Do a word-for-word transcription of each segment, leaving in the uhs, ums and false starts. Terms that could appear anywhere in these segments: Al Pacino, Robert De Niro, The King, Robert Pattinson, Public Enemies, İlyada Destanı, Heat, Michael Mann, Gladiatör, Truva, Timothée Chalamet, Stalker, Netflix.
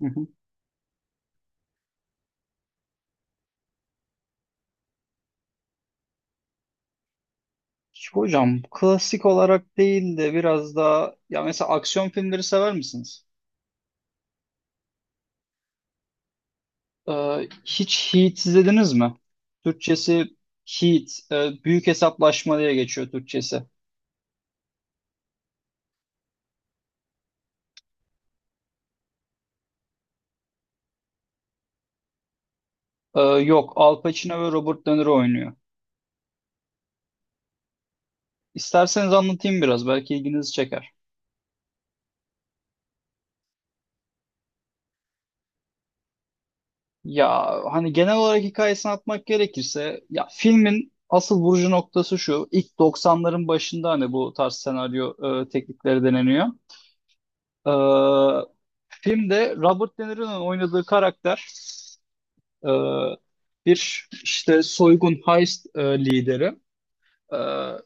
Hı hı. Hocam klasik olarak değil de biraz daha ya mesela aksiyon filmleri sever misiniz? Ee, hiç Heat izlediniz mi? Türkçesi Heat, e, büyük hesaplaşma diye geçiyor Türkçesi. Ee, yok, Al Pacino ve Robert De Niro oynuyor. İsterseniz anlatayım biraz, belki ilginizi çeker. Ya hani genel olarak hikayesini atmak gerekirse, ya filmin asıl vurucu noktası şu, ilk doksanların başında hani bu tarz senaryo e, teknikleri deneniyor. Ee, Filmde Robert De Niro'nun oynadığı karakter e, bir işte soygun heist e, lideri. Ee,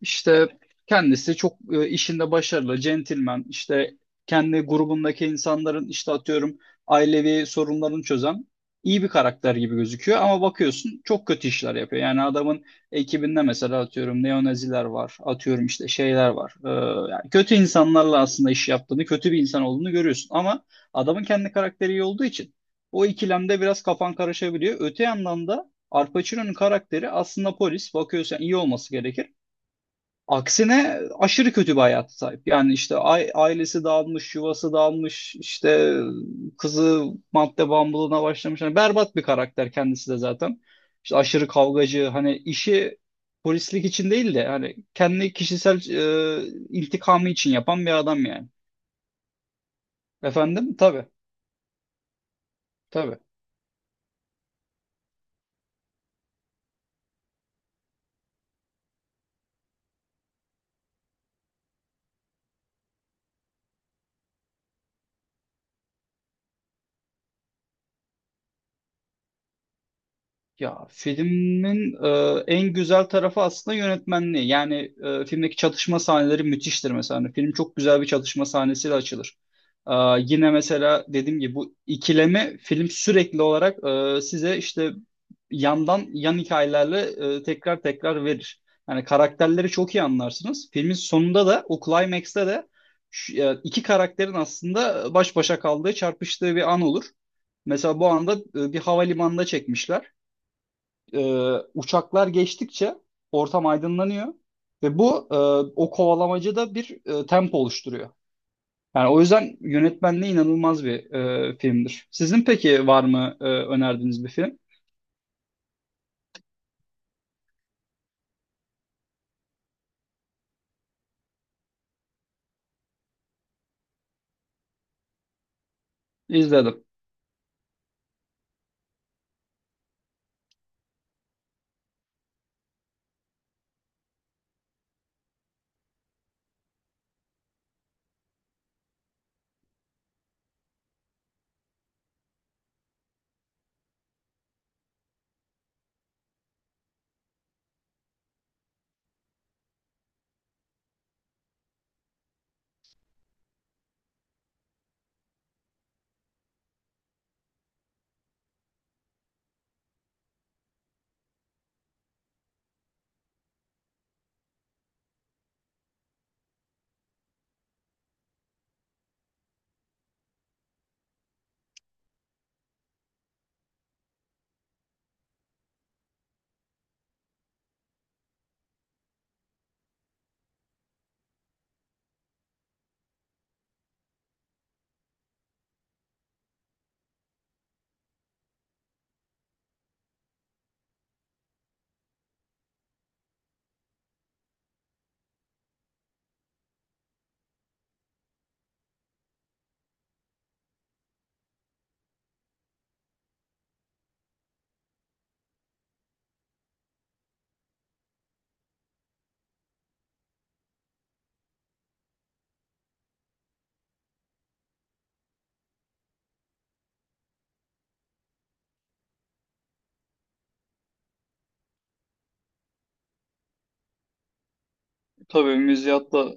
işte kendisi çok e, işinde başarılı, centilmen, işte kendi grubundaki insanların işte atıyorum ailevi sorunlarını çözen iyi bir karakter gibi gözüküyor ama bakıyorsun çok kötü işler yapıyor. Yani adamın ekibinde mesela atıyorum neonaziler var, atıyorum işte şeyler var. Ee, yani kötü insanlarla aslında iş yaptığını, kötü bir insan olduğunu görüyorsun ama adamın kendi karakteri iyi olduğu için o ikilemde biraz kafan karışabiliyor. Öte yandan da Al Pacino'nun karakteri aslında polis. Bakıyorsan iyi olması gerekir. Aksine aşırı kötü bir hayata sahip. Yani işte ai- ailesi dağılmış, yuvası dağılmış, işte kızı madde bağımlılığına başlamış. Yani berbat bir karakter kendisi de zaten. İşte aşırı kavgacı, hani işi polislik için değil de hani kendi kişisel e, intikamı için yapan bir adam yani. Efendim? Tabii, tabii. Ya filmin e, en güzel tarafı aslında yönetmenliği. Yani e, filmdeki çatışma sahneleri müthiştir mesela. Hani film çok güzel bir çatışma sahnesiyle açılır. E, Yine mesela dediğim gibi bu ikileme film sürekli olarak e, size işte yandan yan hikayelerle e, tekrar tekrar verir. Yani karakterleri çok iyi anlarsınız. Filmin sonunda da o climax'te de şu- e, iki karakterin aslında baş başa kaldığı, çarpıştığı bir an olur. Mesela bu anda e, bir havalimanında çekmişler e, uçaklar geçtikçe ortam aydınlanıyor ve bu e, o kovalamacı bir e, tempo oluşturuyor. Yani o yüzden yönetmenliği inanılmaz bir e, filmdir. Sizin peki var mı e, önerdiğiniz bir film? İzledim. Tabii Müziat'la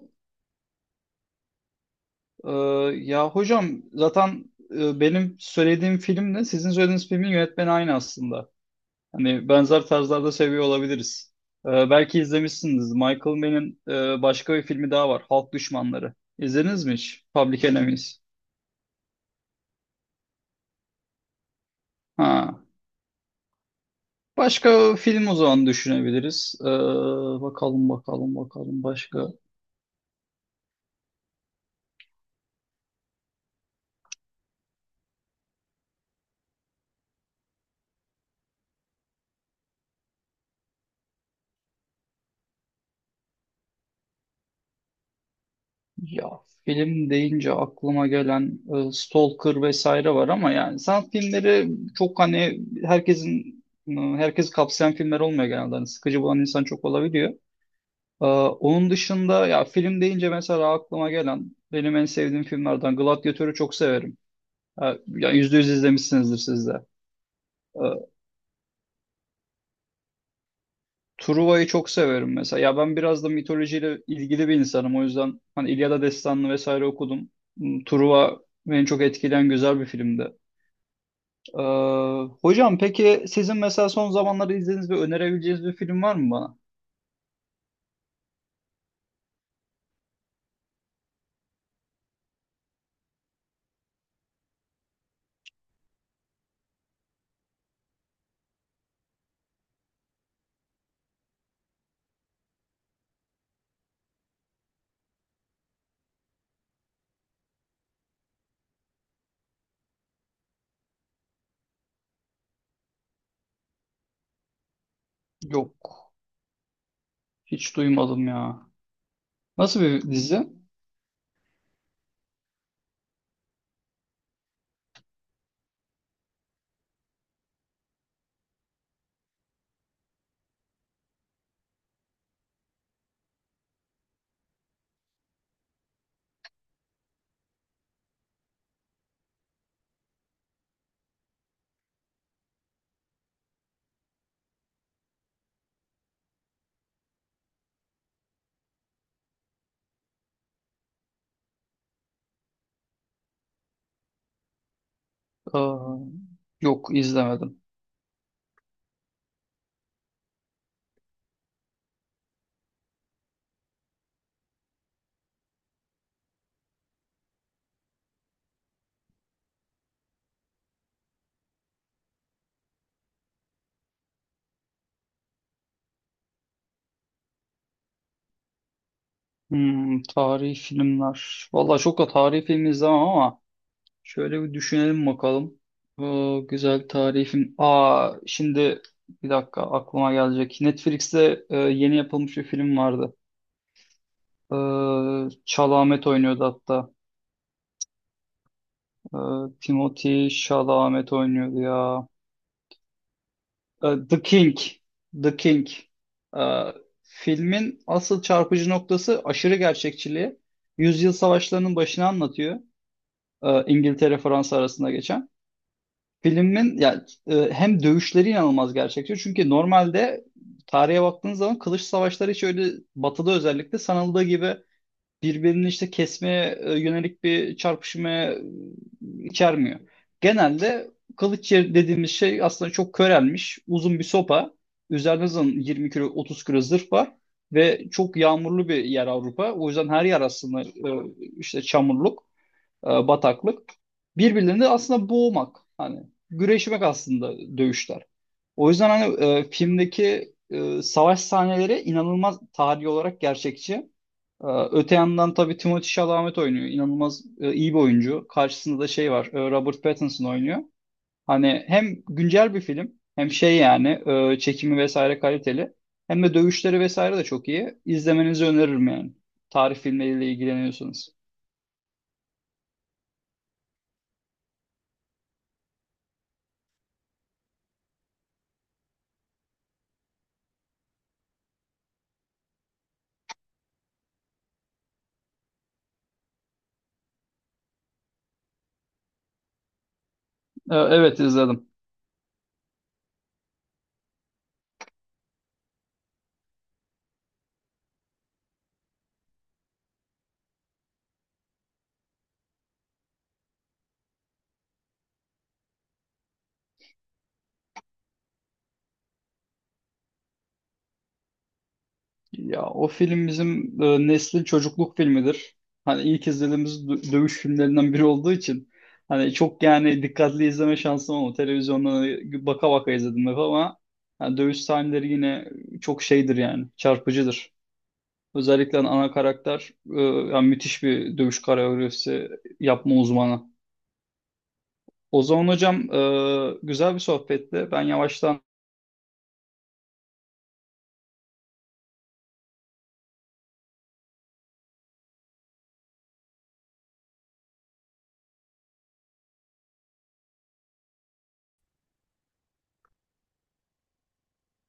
e, ya hocam zaten e, benim söylediğim filmle sizin söylediğiniz filmin yönetmeni aynı aslında. Hani benzer tarzlarda seviyor olabiliriz. Ee, belki izlemişsiniz. Michael Mann'in e, başka bir filmi daha var. Halk Düşmanları. İzlediniz mi hiç? Public Enemies. Ha. Başka film o zaman düşünebiliriz. Ee, bakalım bakalım bakalım başka. Ya film deyince aklıma gelen e, Stalker vesaire var ama yani sanat filmleri çok hani herkesin e, herkes kapsayan filmler olmuyor genelde. Hani sıkıcı bulan insan çok olabiliyor. Ee, onun dışında ya film deyince mesela aklıma gelen benim en sevdiğim filmlerden Gladiatör'ü çok severim. Ha, ya yüzde yüz izlemişsinizdir siz de. Ee, Truva'yı çok severim mesela. Ya ben biraz da mitolojiyle ilgili bir insanım. O yüzden hani İlyada Destanı'nı vesaire okudum. Hmm, Truva beni çok etkileyen güzel bir filmdi. Ee, Hocam peki sizin mesela son zamanlarda izlediğiniz ve önerebileceğiniz bir film var mı bana? Yok. Hiç duymadım ya. Nasıl bir dizi? Ee, Yok izlemedim. Hmm, tarihi filmler. Valla çok da tarihi film izlemem ama şöyle bir düşünelim bakalım. Ee, güzel tarihi film. Aa, şimdi bir dakika aklıma gelecek. Netflix'te e, yeni yapılmış bir film vardı. Ee, Chalamet oynuyordu hatta. Ee, Timothy Chalamet oynuyordu ya. Ee, The King. The King. Ee, Filmin asıl çarpıcı noktası aşırı gerçekçiliği. Yüzyıl savaşlarının başını anlatıyor. e, İngiltere Fransa arasında geçen. Filmin ya e, hem dövüşleri inanılmaz gerçekçi. Çünkü normalde tarihe baktığınız zaman kılıç savaşları hiç öyle batıda özellikle sanıldığı gibi birbirini işte kesmeye e, yönelik bir çarpışmaya e, içermiyor. Genelde kılıç yer- dediğimiz şey aslında çok körelmiş uzun bir sopa. Üzerinde zaten yirmi kilo otuz kilo zırh var ve çok yağmurlu bir yer Avrupa. O yüzden her yer aslında e, işte çamurluk e, bataklık. Birbirlerini aslında boğmak hani güreşmek aslında dövüşler. O yüzden hani e, filmdeki e, savaş sahneleri inanılmaz tarihi olarak gerçekçi. E, Öte yandan tabii Timothée Chalamet oynuyor. İnanılmaz e, iyi bir oyuncu. Karşısında da şey var. e, Robert Pattinson oynuyor. Hani hem güncel bir film hem şey yani e, çekimi vesaire kaliteli. Hem de dövüşleri vesaire de çok iyi. İzlemenizi öneririm yani. Tarih filmleriyle ilgileniyorsanız. E, evet izledim. Ya o film bizim e, neslin çocukluk filmidir. Hani ilk izlediğimiz dö- dövüş filmlerinden biri olduğu için hani çok yani dikkatli izleme şansım olmadı. Televizyondan baka baka izledim hep ama yani dövüş sahneleri yine çok şeydir yani çarpıcıdır. Özellikle hani ana karakter e, yani müthiş bir dövüş koreografisi yapma uzmanı. O zaman hocam e, güzel bir sohbetti. Ben yavaştan